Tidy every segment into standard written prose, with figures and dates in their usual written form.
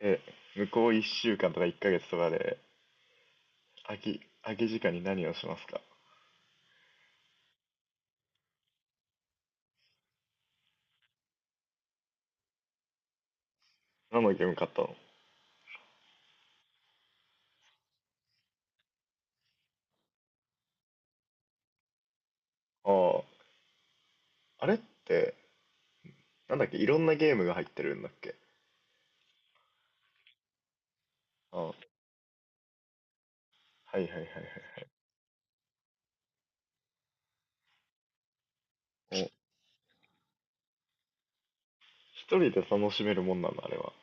え、向こう1週間とか1ヶ月とかで、空き時間に何をしますか？何のゲーム買ったの？ああ、あれって、なんだっけ、いろんなゲームが入ってるんだっけ？ああ、はいはいはいはい。お、一人で楽しめるもんなんだ、あれは。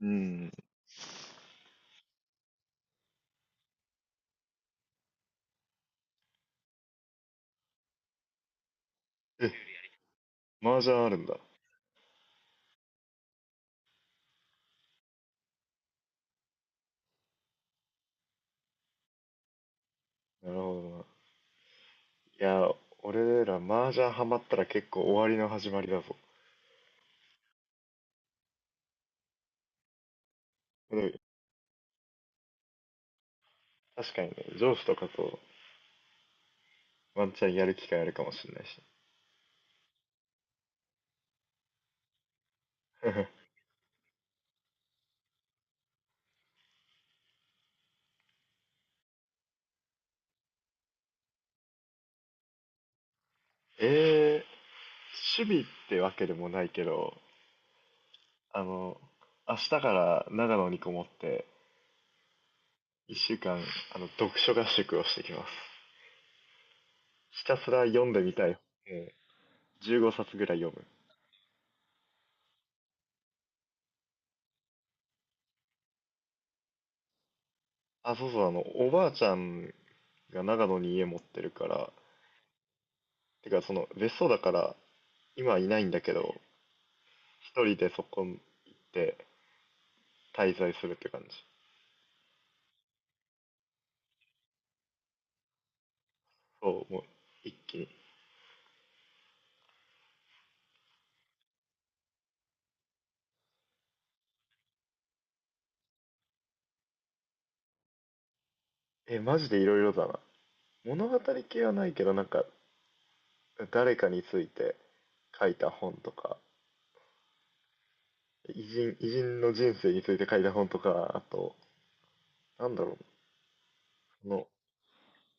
うん。え、麻雀あるんだ。なるほどな。いや、俺ら麻雀ハマったら結構終わりの始まりだぞ。でも確かにね、上司とかとワンチャンやる機会あるかもしれないし。え趣味ってわけでもないけど、あの、明日から長野にこもって、1週間、読書合宿をしてきます。ひたすら読んでみたい。え15冊ぐらい読む。あ、そうそう、おばあちゃんが長野に家持ってるから、てか、別荘だから、今はいないんだけど、一人でそこ行って滞在するって感じ。そう、もう、一気に。え、マジでいろいろだな。物語系はないけど、なんか、誰かについて書いた本とか、偉人の人生について書いた本とか、あと、なんだろう、その、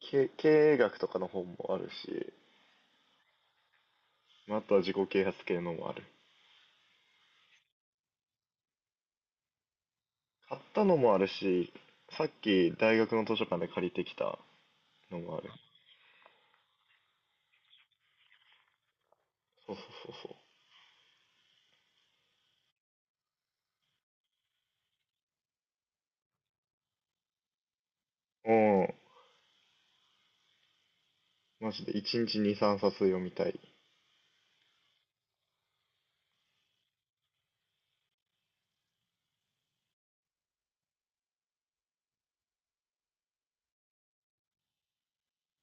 経営学とかの本もあるし、まああとは自己啓発系のもある。買ったのもあるし、さっき大学の図書館で借りてきたのもある。そうそうそうそう。うん。マジで1日2、3冊読みたい。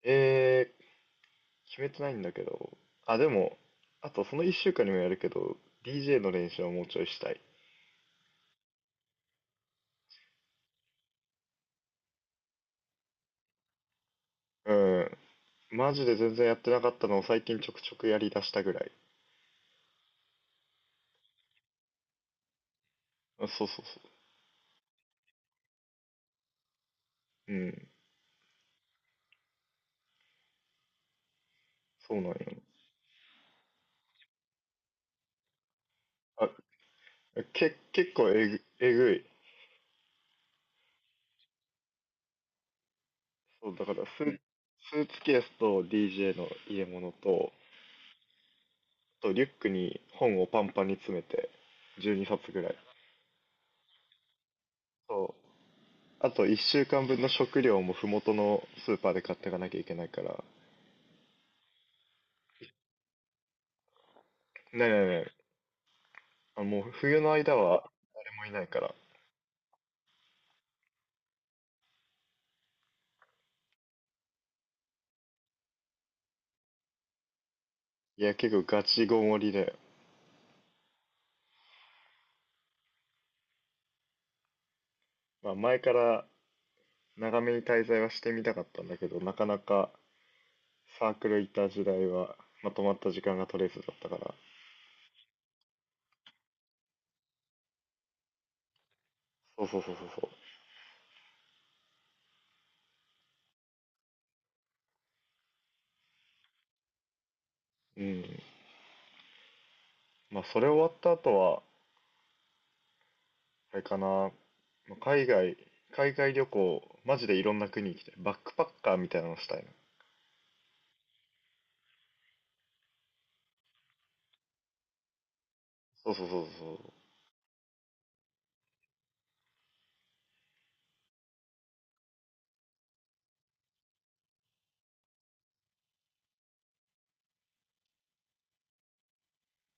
え決めてないんだけど。あ、でも、あとその1週間にもやるけど、DJ の練習はもうちょいしたい。うん。マジで全然やってなかったのを最近ちょくちょくやりだしたぐらい。あそうそうそう。うん、そうなんよ。あ、結構えぐい。そう、だからスうー、うん。スーツケースと DJ の入れ物と、あとリュックに本をパンパンに詰めて、12冊ぐらい。そう。あと1週間分の食料も麓のスーパーで買っていかなきゃいけないから。ねえねえねえ。あ、もう冬の間は誰もいないから。いや、結構ガチごもりで。まあ前から長めに滞在はしてみたかったんだけど、なかなかサークル行った時代はまとまった時間が取れずだったから。そうそうそうそうそう。うん。まあそれ終わった後は、あれかな、まあ海外旅行、マジでいろんな国行きたい。バックパッカーみたいなのしたいな。そうそうそうそ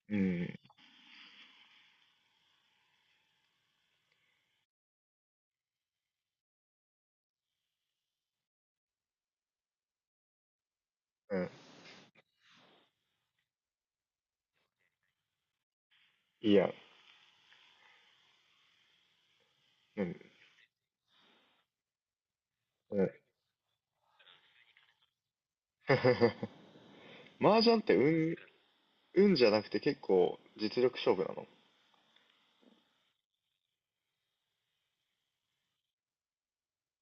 う。うん。うん。いいやん。うん。うん 麻雀って運じゃなくて結構実力勝負なの？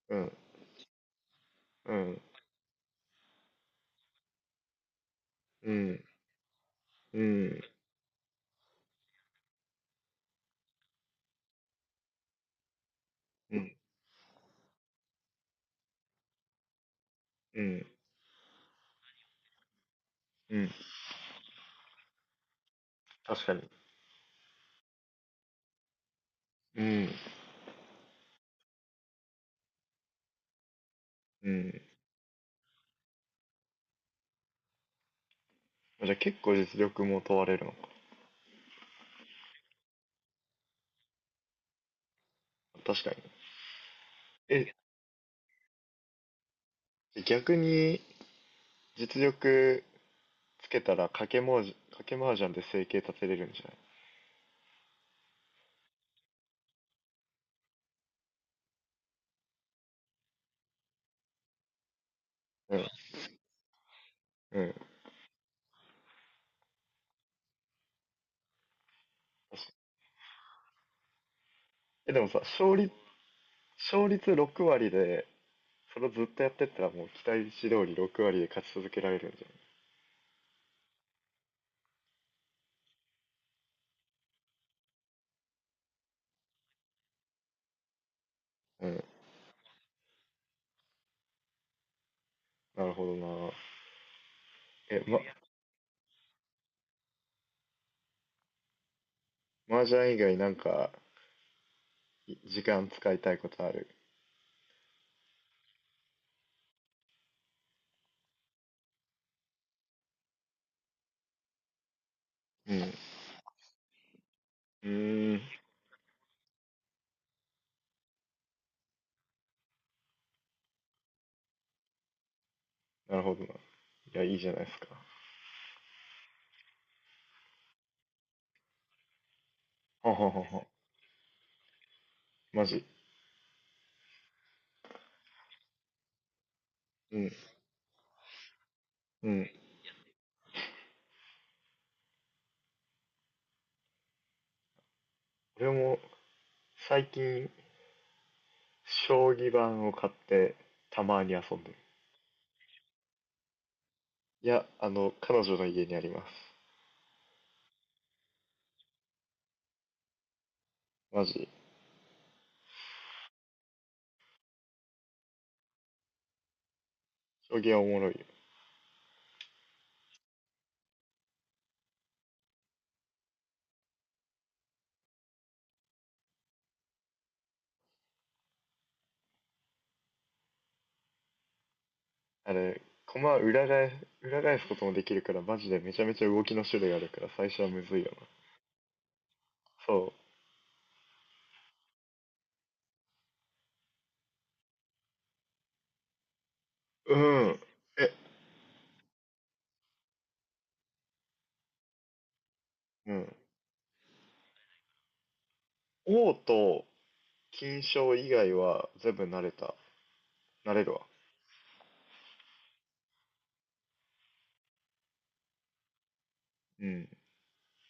うん。うん。うん。うん。うん。うん。うん。確かに。うん。うん。じゃあ結構実力も問われるのか。確かに。え、逆に実力つけたら賭け麻雀で生計立てれるんじゃない？うん。うん。確かに。え、でもさ、勝率6割で、それをずっとやってったらもう期待値通り6割で勝ち続けられるんじゃない？うん。なるほどな。え、麻雀以外なんか、い時間使いたいことある？うん。うーん。なるほどな。いや、いいじゃないですか。はははは。マジ。うん。うん。俺も最近将棋盤を買ってたまに遊んでる。いや、彼女の家にあります。マジ。将棋はおもろいよ。あれ、駒裏返すこともできるから、マジでめちゃめちゃ動きの種類あるから、最初はむずいよな。そう。うん。え、うん。王と金将以外は全部慣れた。慣れるわ。うん。